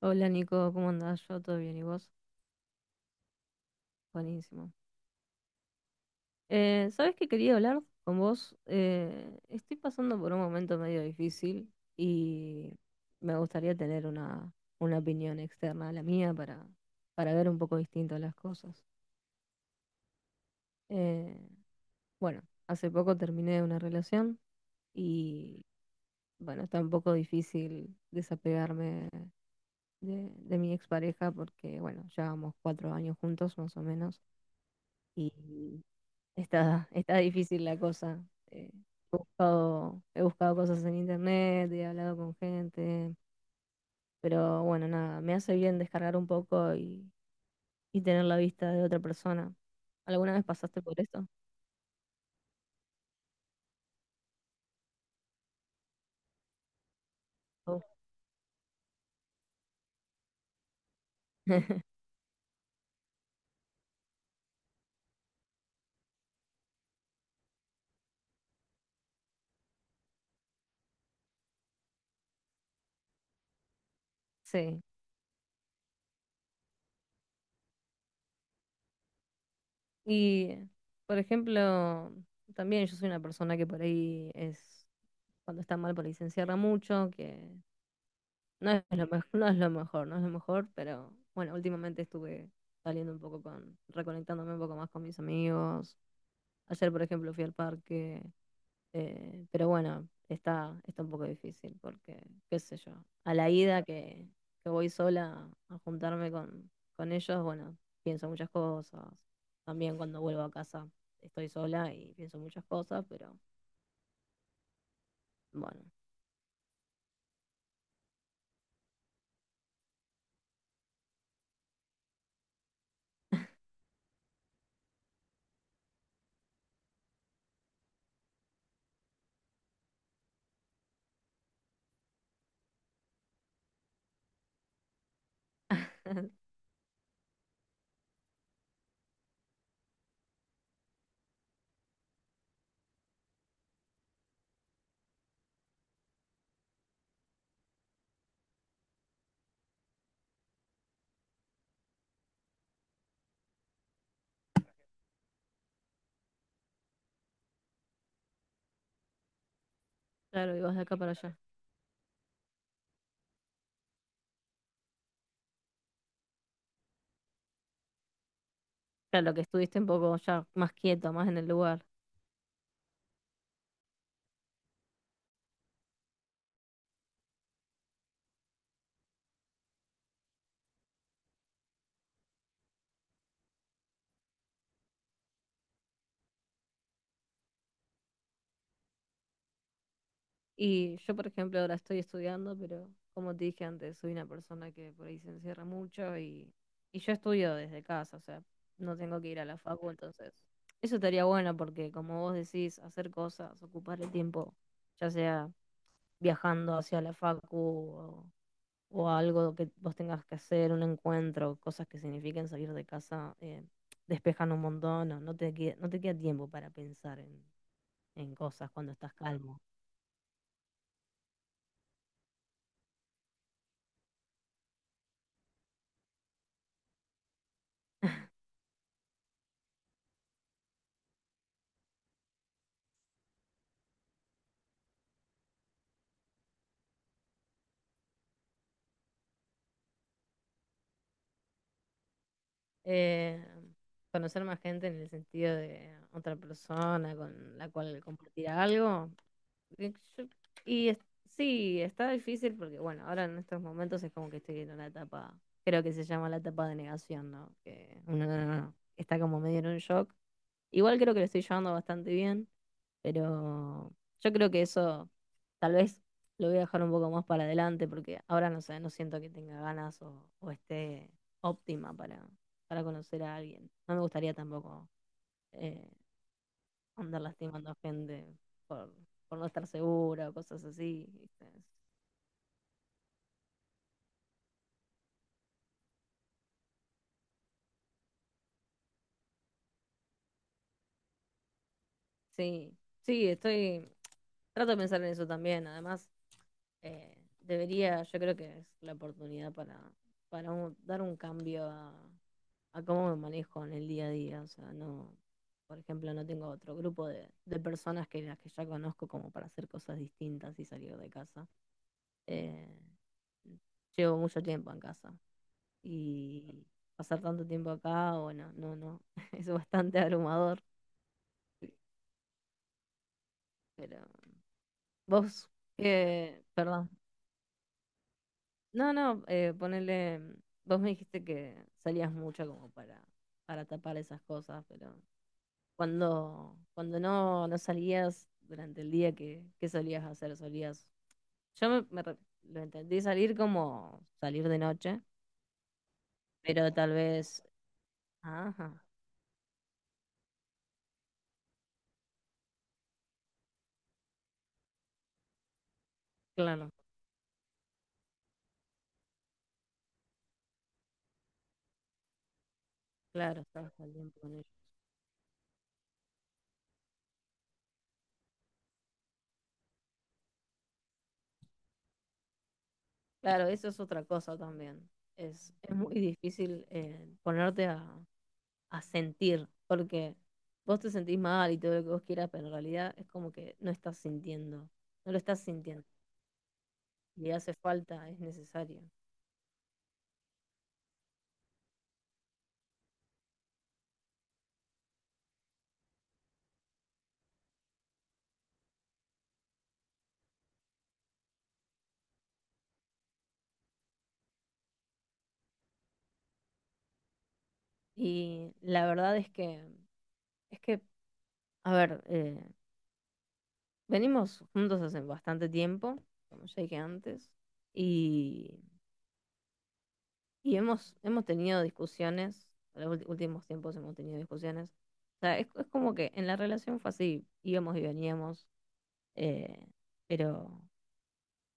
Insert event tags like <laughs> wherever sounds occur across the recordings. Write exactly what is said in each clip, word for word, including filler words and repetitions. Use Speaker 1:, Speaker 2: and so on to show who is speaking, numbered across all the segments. Speaker 1: Hola Nico, ¿cómo andás? Yo todo bien, ¿y vos? Buenísimo. Eh, ¿sabés qué quería hablar con vos? Eh, estoy pasando por un momento medio difícil y me gustaría tener una, una opinión externa a la mía para, para ver un poco distinto las cosas. Eh, bueno, hace poco terminé una relación y bueno, está un poco difícil desapegarme de, de mi expareja porque bueno, llevamos cuatro años juntos más o menos. Y Está, está difícil la cosa. Eh, He buscado, he buscado cosas en internet, he hablado con gente, pero bueno, nada, me hace bien descargar un poco y, y tener la vista de otra persona. ¿Alguna vez pasaste por esto? Oh. <laughs> Sí. Y, por ejemplo, también yo soy una persona que por ahí es, cuando está mal, por ahí se encierra mucho, que no es lo mejor, no es lo mejor, no es lo mejor, pero bueno, últimamente estuve saliendo un poco con, reconectándome un poco más con mis amigos. Ayer, por ejemplo, fui al parque, eh, pero bueno, está, está un poco difícil porque, qué sé yo, a la ida que, que voy sola a juntarme con, con ellos, bueno, pienso muchas cosas. También cuando vuelvo a casa estoy sola y pienso muchas cosas, pero bueno, claro, ibas de acá para allá. Claro, que estuviste un poco ya más quieto, más en el lugar. Y yo, por ejemplo, ahora estoy estudiando, pero como te dije antes, soy una persona que por ahí se encierra mucho y, y yo estudio desde casa, o sea, no tengo que ir a la facu, entonces eso estaría bueno porque como vos decís, hacer cosas, ocupar el tiempo, ya sea viajando hacia la facu o, o algo que vos tengas que hacer, un encuentro, cosas que signifiquen salir de casa, eh, despejan un montón, no, no te, que- no te queda tiempo para pensar en, en cosas cuando estás calmo. Eh, Conocer más gente en el sentido de otra persona con la cual compartir algo. Y, yo- y es- sí, está difícil porque, bueno, ahora en estos momentos es como que estoy en una etapa, creo que se llama la etapa de negación, ¿no? Que uno no- no- no, está como medio en un shock. Igual creo que lo estoy llevando bastante bien, pero yo creo que eso tal vez lo voy a dejar un poco más para adelante porque ahora no sé, no siento que tenga ganas o, o esté óptima para, para conocer a alguien. No me gustaría tampoco eh, andar lastimando a gente por, por no estar segura o cosas así. ¿Viste? Sí, sí, estoy... Trato de pensar en eso también. Además, eh, debería, yo creo que es la oportunidad para, para un- dar un cambio a a cómo me manejo en el día a día. O sea, no, por ejemplo, no tengo otro grupo de, de personas que las que ya conozco como para hacer cosas distintas y salir de casa. Eh, Llevo mucho tiempo en casa y pasar tanto tiempo acá, bueno, no, no, <laughs> es bastante abrumador. Pero vos, eh, perdón. No, no, eh, ponele, vos me dijiste que salías mucho como para, para tapar esas cosas, pero Cuando, cuando no, no salías durante el día, ¿qué, ¿qué solías hacer? Solías. Yo me, me re- Lo entendí salir como salir de noche, pero tal vez. Ajá, claro, claro, estabas todo el tiempo con ellos. Claro, eso es otra cosa también. Es, es muy difícil eh, ponerte a, a sentir, porque vos te sentís mal y todo lo que vos quieras, pero en realidad es como que no estás sintiendo, no lo estás sintiendo. Y hace falta, es necesario. Y la verdad es que Es que, a ver, eh, venimos juntos hace bastante tiempo, como ya dije antes, y, y hemos, hemos tenido discusiones, en los ulti- últimos tiempos hemos tenido discusiones. O sea, es, es como que en la relación fue así, íbamos y veníamos, eh, pero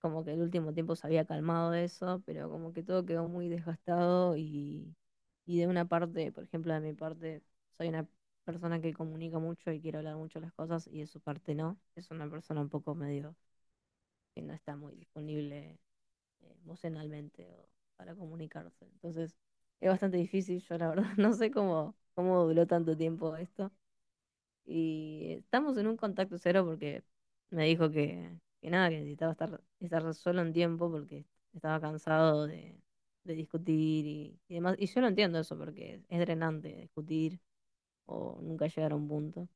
Speaker 1: como que el último tiempo se había calmado eso, pero como que todo quedó muy desgastado y, y de una parte, por ejemplo, de mi parte, soy una persona que comunica mucho y quiere hablar mucho las cosas y de su parte no. Es una persona un poco medio que no está muy disponible eh, emocionalmente o para comunicarse. Entonces, es bastante difícil. Yo la verdad <laughs> no sé cómo, cómo duró tanto tiempo esto y estamos en un contacto cero porque me dijo que, que nada, que necesitaba estar, estar solo un tiempo porque estaba cansado de, de discutir y, y demás. Y yo lo entiendo eso porque es drenante discutir o nunca llegar a un punto.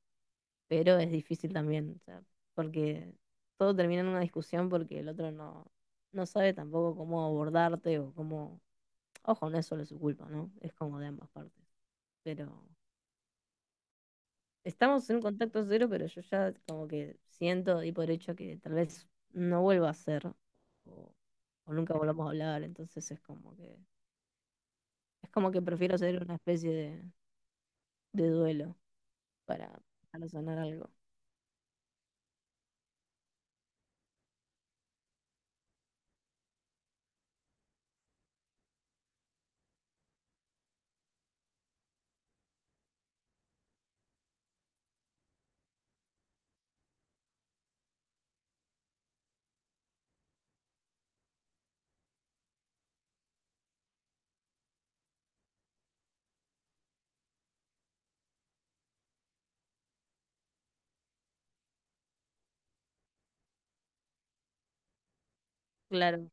Speaker 1: Pero es difícil también, o sea, porque todo termina en una discusión porque el otro no, no sabe tampoco cómo abordarte o cómo... Ojo, no es solo su culpa, ¿no? Es como de ambas partes. Pero... Estamos en un contacto cero, pero yo ya como que siento y por hecho que tal vez no vuelva a ser o, o nunca volvamos a hablar, entonces es como que es como que prefiero hacer una especie de, de duelo para, para sanar algo. Claro.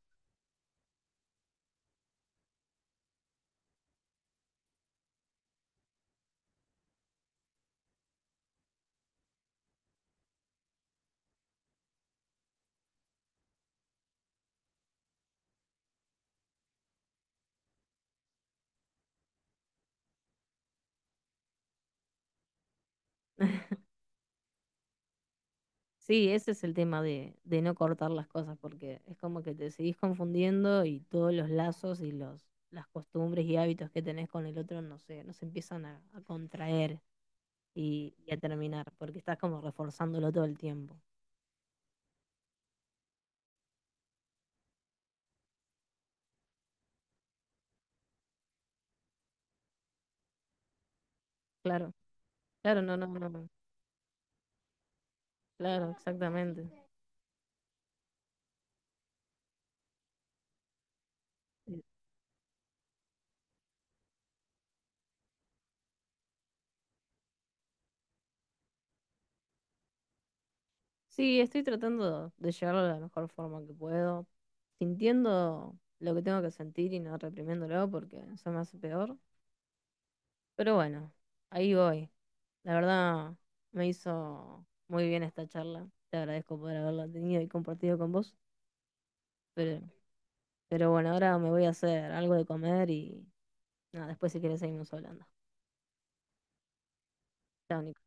Speaker 1: Sí, ese es el tema de, de no cortar las cosas, porque es como que te seguís confundiendo y todos los lazos y los, las costumbres y hábitos que tenés con el otro no sé, no se empiezan a, a contraer y, y a terminar, porque estás como reforzándolo todo el tiempo. Claro, claro, no, no, no, no, claro, exactamente. Eh, Sí, estoy tratando de llevarlo de la mejor forma que puedo, sintiendo lo que tengo que sentir y no reprimiéndolo porque eso me hace peor. Pero bueno, ahí voy. La verdad, me hizo muy bien esta charla. Te agradezco por haberla tenido y compartido con vos. Pero, pero bueno, ahora me voy a hacer algo de comer y nada, después si quieres seguimos hablando. Chao, Nico.